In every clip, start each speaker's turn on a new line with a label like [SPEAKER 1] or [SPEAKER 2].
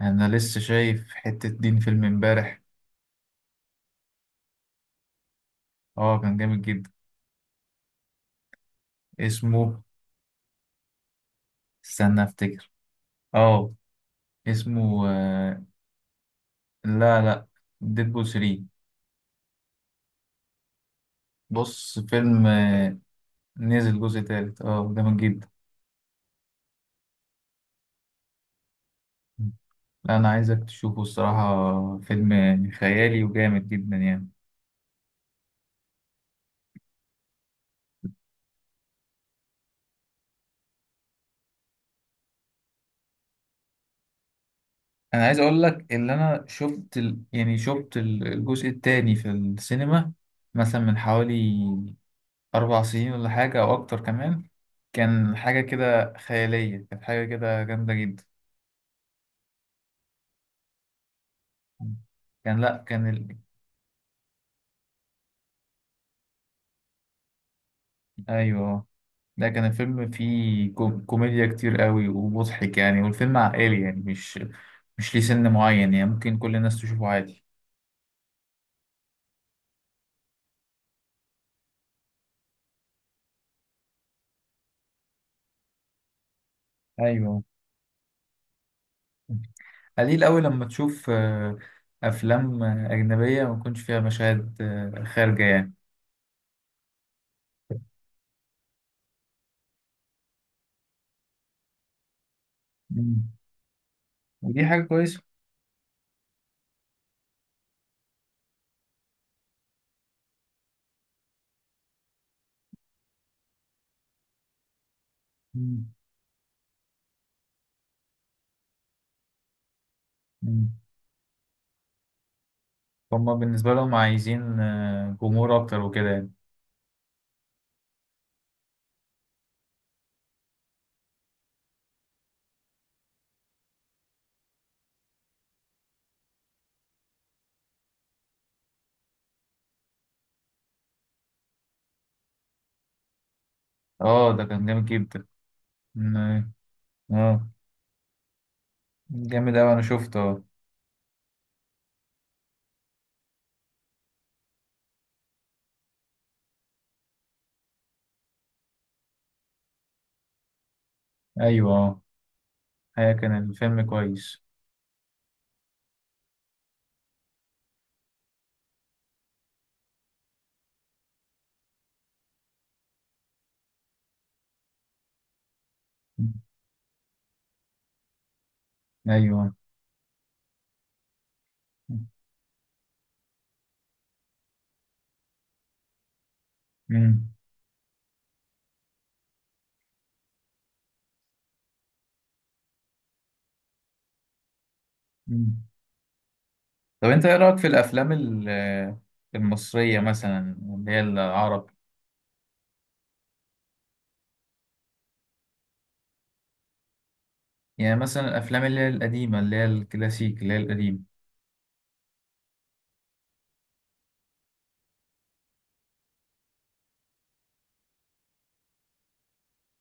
[SPEAKER 1] انا لسه شايف حتة دين فيلم امبارح. اه، كان جامد جدا. اسمه، استنى افتكر. اه اسمه لا لا، ديدبول 3. بص فيلم. نزل جزء تالت، اه، جامد جدا. لا، انا عايزك تشوفه الصراحة، فيلم خيالي وجامد جدا يعني. انا عايز اقول لك ان انا يعني الجزء التاني في السينما، مثلا من حوالي 4 سنين ولا حاجة أو أكتر كمان. كان حاجة كده خيالية، كانت حاجة كده جامدة جدا. كان لأ كان أيوه. لا، كان الفيلم فيه كوميديا كتير قوي ومضحك يعني، والفيلم عائلي يعني، مش ليه سن معين يعني، ممكن كل الناس تشوفه عادي. أيوه. قليل قوي لما تشوف أفلام أجنبية ما يكونش فيها مشاهد خارجة يعني. مم. ودي حاجة كويسة. مم. مم. هما بالنسبة لهم عايزين جمهور أكتر وكده يعني. اه، ده كان جامد جدا. م- اه، جامد أوي أنا شفته، اه. أيوه. اه، هي كان الفيلم كويس. م- أيوه. مم. مم. طب أنت إيه رأيك في الأفلام المصرية، مثلا اللي هي العرب؟ يعني مثلا الأفلام اللي هي القديمة، اللي هي الكلاسيك، اللي هي القديمة.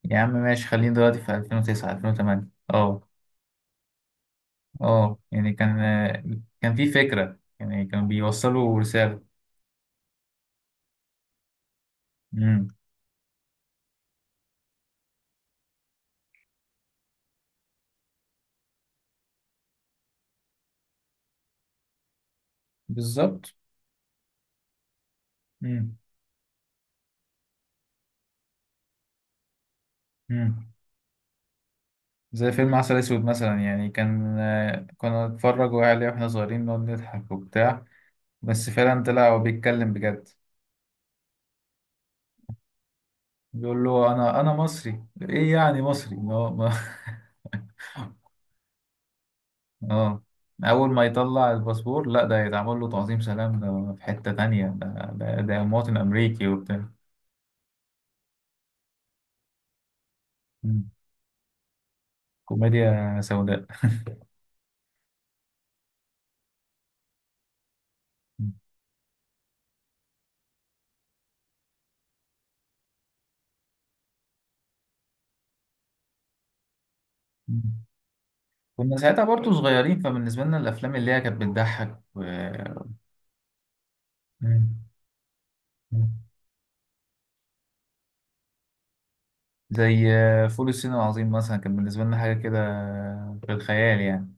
[SPEAKER 1] يا عم ماشي، خلينا دلوقتي في 2009 2008. اه، اه، يعني كان كان في فكرة يعني، كانوا بيوصلوا رسالة. امم. بالظبط. امم. امم. زي فيلم عسل اسود مثلا، يعني كان كنا نتفرج عليه واحنا صغيرين نقعد نضحك وبتاع. بس فعلا طلع هو بيتكلم بجد. بيقول له انا مصري، ايه يعني مصري إن هو ما. اه. اول ما يطلع الباسبور، لا، ده يتعمل له تعظيم سلام، ده في حتة تانية، ده مواطن امريكي وبتاع. مم. كوميديا سوداء. مم. مم. كنا ساعتها برضو صغيرين، فبالنسبة لنا الافلام اللي هي كانت بتضحك مم. مم. زي فول الصين العظيم مثلا، كان بالنسبة لنا حاجة كده في الخيال يعني.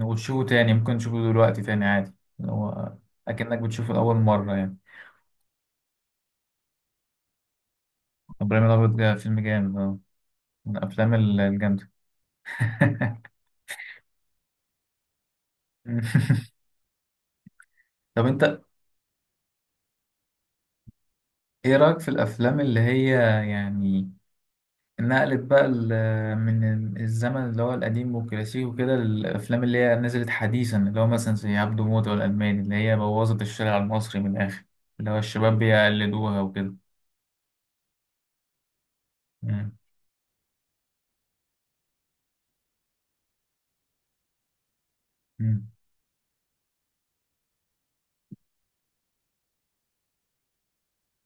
[SPEAKER 1] وتشوفه تاني، ممكن تشوفه دلوقتي تاني عادي، اللي هو أكنك بتشوفه لأول مرة يعني. إبراهيم الأبيض ده فيلم جامد، من الأفلام الجامدة. طب أنت إيه رأيك في الأفلام اللي هي، يعني نقلب بقى من الزمن اللي هو القديم والكلاسيكي وكده للأفلام اللي هي نزلت حديثا، اللي هو مثلا زي عبده موتة والألماني، اللي هي بوظت الشارع المصري من الآخر، اللي هو الشباب بيقلدوها وكده. مم. مم.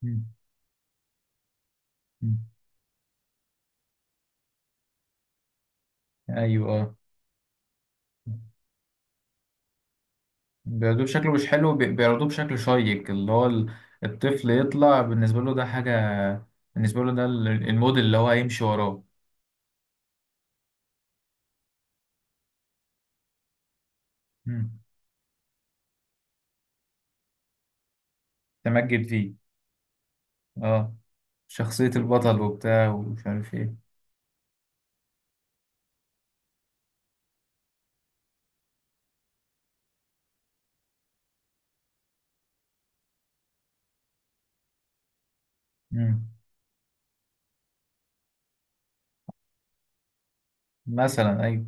[SPEAKER 1] مم. مم. أيوه، آه. بيعرضوه بشكله مش حلو، بيعرضوه بشكل شيق، اللي هو الطفل يطلع بالنسبة له ده حاجة، بالنسبة له ده الموديل اللي هو هيمشي وراه. مم. تمجد فيه. اه، شخصية البطل وبتاع ومش عارف ايه، مثلا. ايوه.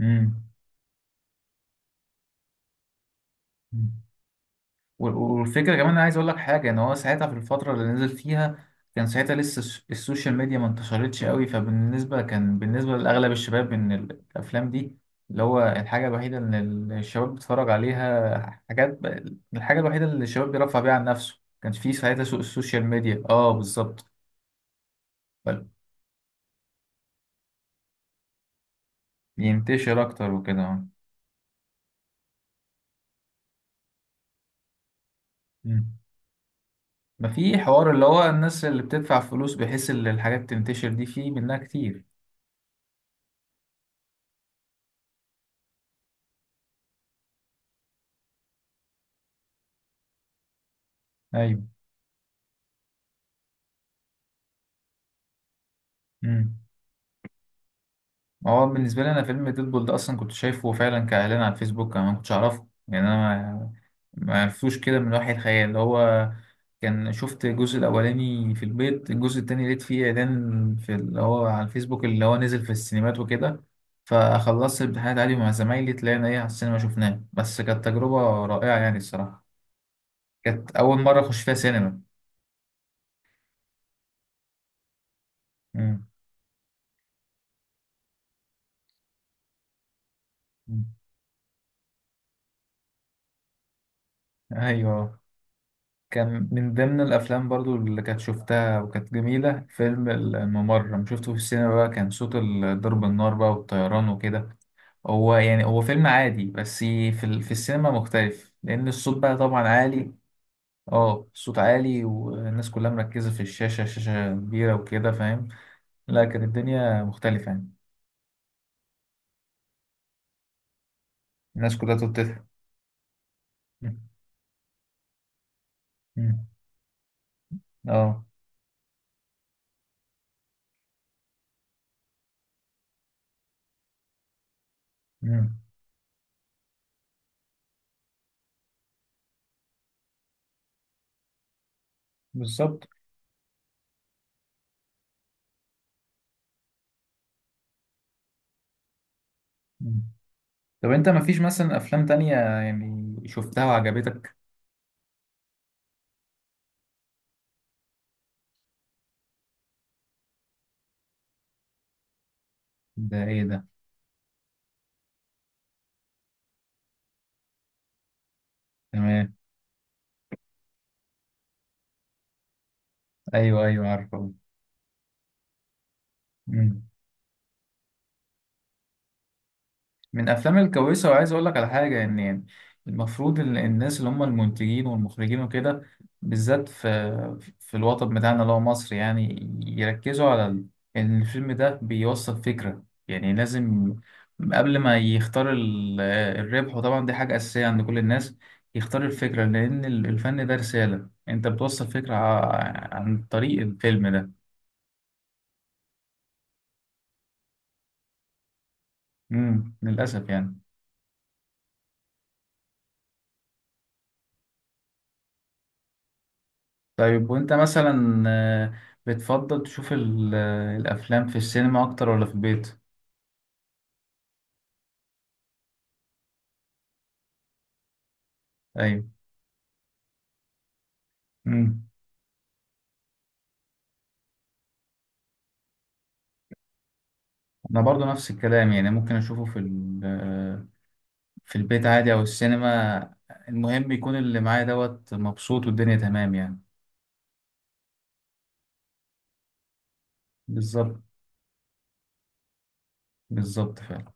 [SPEAKER 1] امم. والفكره كمان، انا عايز اقول لك حاجه، ان هو ساعتها في الفتره اللي نزل فيها كان ساعتها لسه السوشيال ميديا ما انتشرتش قوي، فبالنسبه كان بالنسبه لاغلب الشباب ان الافلام دي اللي هو الحاجه الوحيده ان الشباب بيتفرج عليها حاجات، الحاجه الوحيده اللي الشباب بيرفع بيها عن نفسه. ما كانش فيه ساعتها سوق السوشيال ميديا، اه، بالظبط. ينتشر اكتر وكده، اه. مم. ما في حوار اللي هو الناس اللي بتدفع فلوس بحيث ان الحاجات تنتشر دي فيه منها كتير. ايوه. امم. هو بالنسبه لي انا فيلم ديدبول ده اصلا كنت شايفه فعلا كاعلان على الفيسبوك، انا ما كنتش اعرفه يعني، انا ما عرفتوش كده من وحي الخيال، اللي هو كان شفت الجزء الاولاني في البيت، الجزء التاني لقيت فيه اعلان في اللي هو على الفيسبوك، اللي هو نزل في السينمات وكده. فخلصت الامتحانات عادي مع زمايلي، طلعنا ايه على السينما شفناه، بس كانت تجربه رائعه يعني الصراحه. كانت اول مره اخش فيها سينما. امم. ايوه. كان من ضمن الافلام برضو اللي كانت شفتها وكانت جميله فيلم الممر، لما شفته في السينما بقى كان صوت ضرب النار بقى والطيران وكده. هو يعني هو فيلم عادي، بس في السينما مختلف لان الصوت بقى طبعا عالي. اه، الصوت عالي والناس كلها مركزه في الشاشه، شاشه كبيره وكده، فاهم. لا، كانت الدنيا مختلفه يعني، الناس كلها تضحك. اه. مم. بالظبط. مم. طب انت مفيش مثلا افلام تانية يعني شفتها وعجبتك؟ ده ايه ده؟ تمام. ايوه ايوه عارفه. مم. من افلام الكويسه، وعايز اقول لك على حاجه، ان يعني المفروض الناس اللي هم المنتجين والمخرجين وكده، بالذات في الوطن بتاعنا اللي هو مصر، يعني يركزوا على ان الفيلم ده بيوصل فكره يعني، لازم قبل ما يختار الربح، وطبعا دي حاجه اساسيه عند كل الناس، يختار الفكره، لان الفن ده رساله، انت بتوصل فكره عن طريق الفيلم ده. مم. للاسف يعني. طيب، وانت مثلا، بتفضل تشوف الافلام في السينما اكتر ولا في البيت؟ ايوه. امم. انا برضو نفس الكلام يعني، ممكن اشوفه في ال- آه، في البيت عادي او السينما، المهم يكون اللي معايا دوت مبسوط والدنيا تمام يعني. بالظبط. بالظبط فعلا.